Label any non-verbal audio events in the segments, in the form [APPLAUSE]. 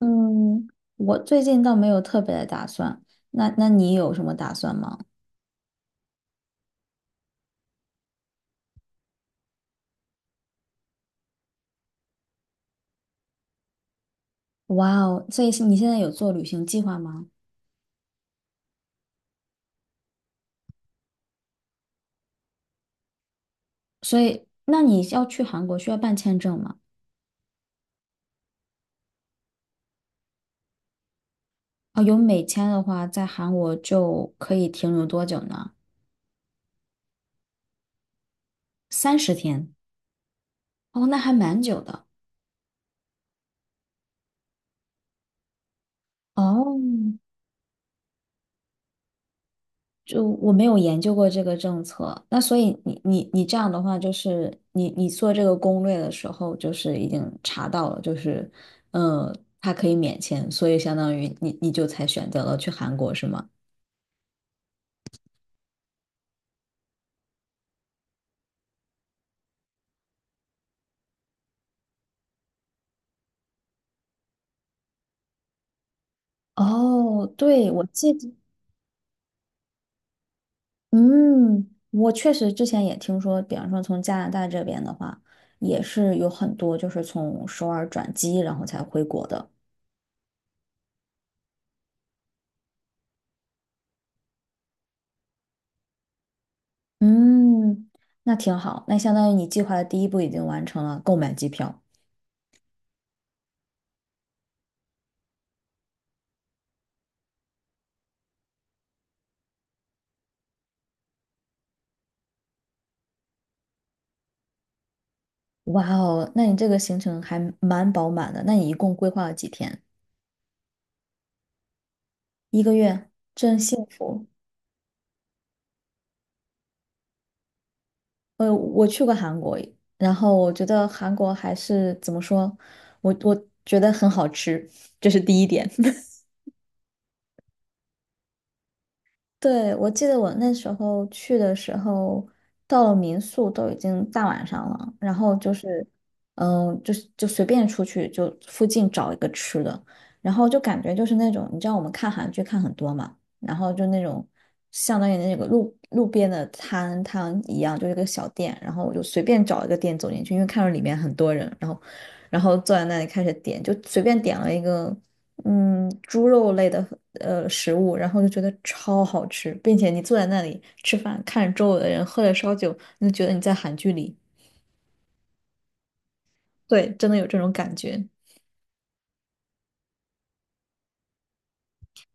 嗯，我最近倒没有特别的打算。那你有什么打算吗？哇哦，所以是你现在有做旅行计划吗？所以那你要去韩国需要办签证吗？啊，有美签的话，在韩国就可以停留多久呢？30天。哦，那还蛮久的。哦，就我没有研究过这个政策，那所以你这样的话，就是你做这个攻略的时候，就是已经查到了，就是嗯，它可以免签，所以相当于你就才选择了去韩国，是吗？哦，对，我记得，嗯，我确实之前也听说，比方说从加拿大这边的话，也是有很多就是从首尔转机，然后才回国的。嗯，那挺好，那相当于你计划的第一步已经完成了，购买机票。哇哦，那你这个行程还蛮饱满的。那你一共规划了几天？一个月，真幸福。我去过韩国，然后我觉得韩国还是怎么说，我觉得很好吃，这是第一点。[LAUGHS] 对，我记得我那时候去的时候，到了民宿都已经大晚上了，然后就是，就是就随便出去，就附近找一个吃的，然后就感觉就是那种，你知道我们看韩剧看很多嘛，然后就那种相当于那个路边的摊摊一样，就是个小店，然后我就随便找一个店走进去，因为看到里面很多人，然后坐在那里开始点，就随便点了一个。猪肉类的食物，然后就觉得超好吃，并且你坐在那里吃饭，看着周围的人喝着烧酒，你就觉得你在韩剧里。对，真的有这种感觉。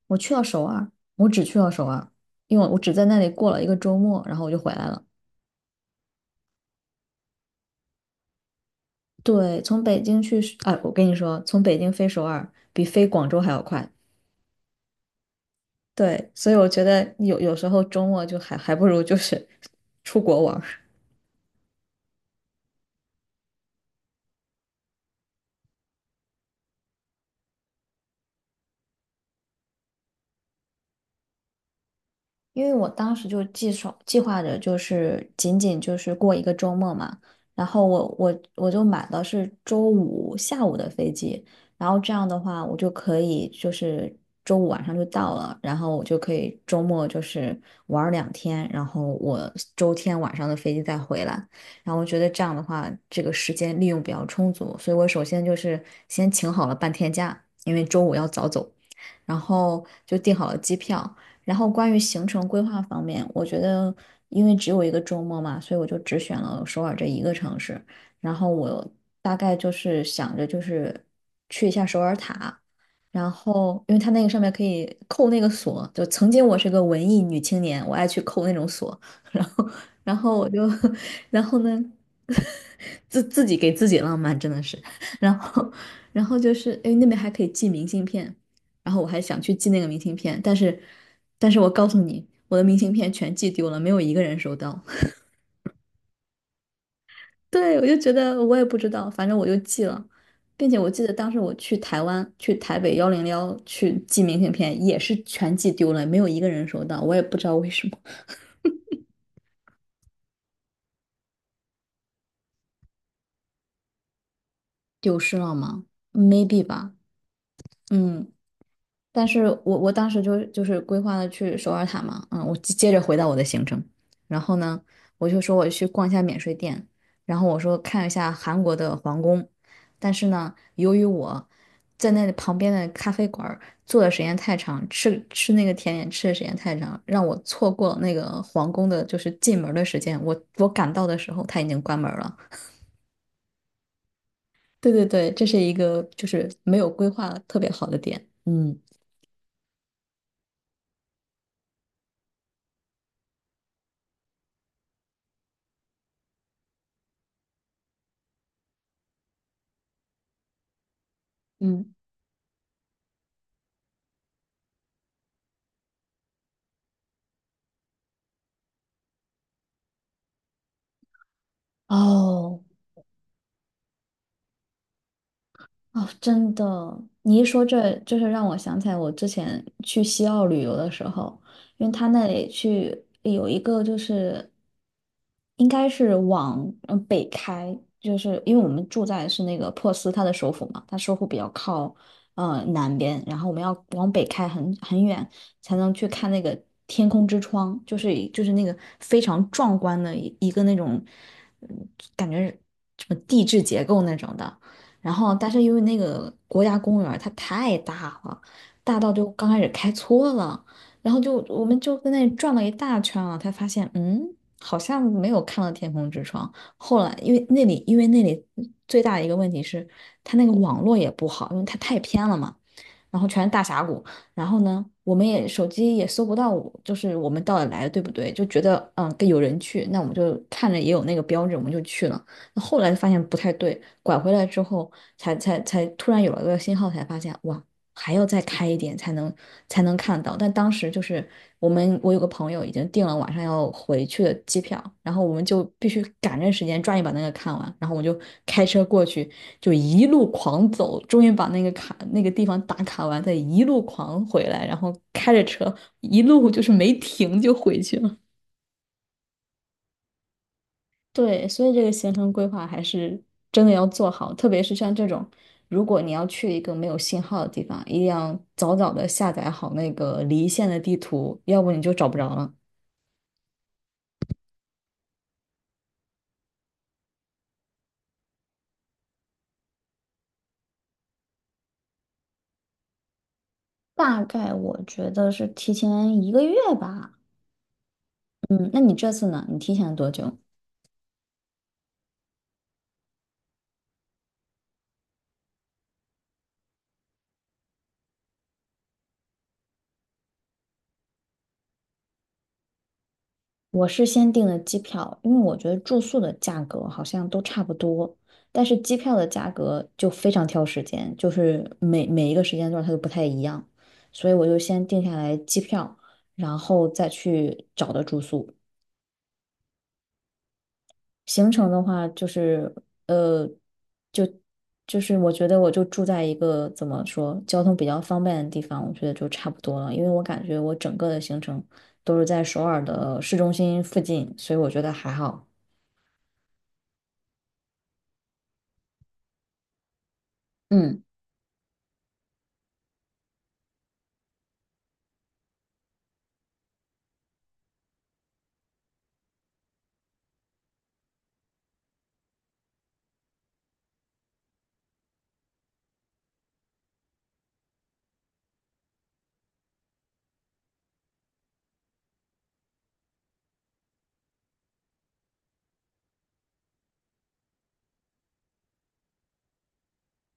我去到首尔，我只去了首尔，因为我只在那里过了一个周末，然后我就回来了。对，从北京去啊，哎我跟你说，从北京飞首尔比飞广州还要快。对，所以我觉得有时候周末就还不如就是 [LAUGHS] 出国玩。因为我当时就计划着，就是仅仅就是过一个周末嘛，然后我就买的是周五下午的飞机，然后这样的话，我就可以就是周五晚上就到了，然后我就可以周末就是玩儿2天，然后我周天晚上的飞机再回来，然后我觉得这样的话，这个时间利用比较充足，所以我首先就是先请好了半天假，因为周五要早走，然后就订好了机票。然后关于行程规划方面，我觉得因为只有一个周末嘛，所以我就只选了首尔这一个城市。然后我大概就是想着就是去一下首尔塔，然后因为它那个上面可以扣那个锁，就曾经我是个文艺女青年，我爱去扣那种锁，[LAUGHS] 然后然后我就 [LAUGHS] 然后呢，[LAUGHS] 自己给自己浪漫真的是，[LAUGHS] 然后然后就是因为那边还可以寄明信片。然后我还想去寄那个明信片，但是我告诉你，我的明信片全寄丢了，没有一个人收到。[LAUGHS] 对，我就觉得我也不知道，反正我就寄了，并且我记得当时我去台湾，去台北101去寄明信片，也是全寄丢了，没有一个人收到，我也不知道为什么，丢失了吗？Maybe 吧，嗯。但是我当时就是规划了去首尔塔嘛，我接着回到我的行程，然后呢，我就说我去逛一下免税店，然后我说看一下韩国的皇宫，但是呢，由于我在那旁边的咖啡馆儿坐的时间太长，吃那个甜点吃的时间太长，让我错过了那个皇宫的就是进门儿的时间，我赶到的时候它已经关门儿了。对对对，这是一个就是没有规划特别好的点，嗯嗯。哦，哦，真的，你一说这，就是让我想起来我之前去西澳旅游的时候，因为他那里去有一个就是应该是往北开，就是因为我们住在是那个珀斯，它的首府嘛，它首府比较靠南边，然后我们要往北开很远才能去看那个天空之窗，就是那个非常壮观的一个那种，嗯感觉是什么地质结构那种的。然后但是因为那个国家公园儿它太大了，大到就刚开始开错了，然后就我们就在那里转了一大圈了，才发现好像没有看到天空之窗。后来因为那里最大的一个问题是它那个网络也不好，因为它太偏了嘛。然后全是大峡谷，然后呢，我们也手机也搜不到我就是我们到底来的对不对？就觉得跟有人去，那我们就看着也有那个标志，我们就去了。那后来发现不太对，拐回来之后才突然有了个信号，才发现哇，还要再开一点才能看到。但当时就是我有个朋友已经订了晚上要回去的机票，然后我们就必须赶着时间抓紧把那个看完，然后我就开车过去，就一路狂走，终于把那个卡那个地方打卡完，再一路狂回来，然后开着车一路就是没停就回去了。对，所以这个行程规划还是真的要做好，特别是像这种，如果你要去一个没有信号的地方，一定要早早的下载好那个离线的地图，要不你就找不着了。大概我觉得是提前一个月吧。嗯，那你这次呢？你提前了多久？我是先订的机票，因为我觉得住宿的价格好像都差不多，但是机票的价格就非常挑时间，就是每一个时间段它都不太一样，所以我就先定下来机票，然后再去找的住宿。行程的话，就是呃，就就是我觉得我就住在一个怎么说交通比较方便的地方，我觉得就差不多了，因为我感觉我整个的行程都是在首尔的市中心附近，所以我觉得还好。嗯。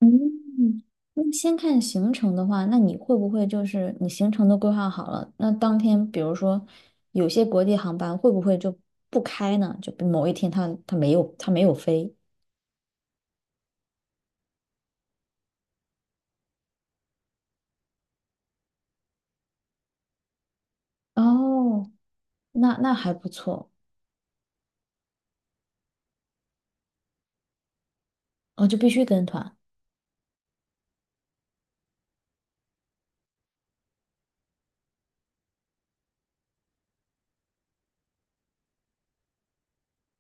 嗯，那先看行程的话，那你会不会就是你行程都规划好了，那当天比如说有些国际航班会不会就不开呢？就比某一天它没有飞。哦，那还不错，哦，就必须跟团。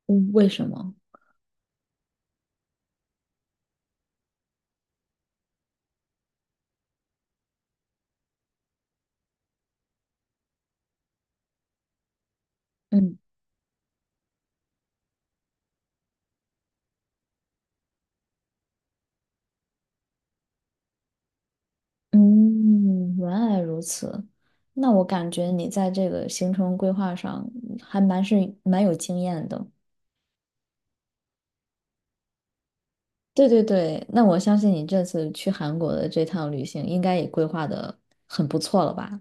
嗯为什么？嗯嗯，原来如此。那我感觉你在这个行程规划上还蛮有经验的。对对对，那我相信你这次去韩国的这趟旅行应该也规划的很不错了吧？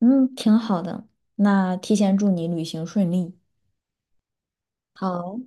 嗯，挺好的，那提前祝你旅行顺利。好，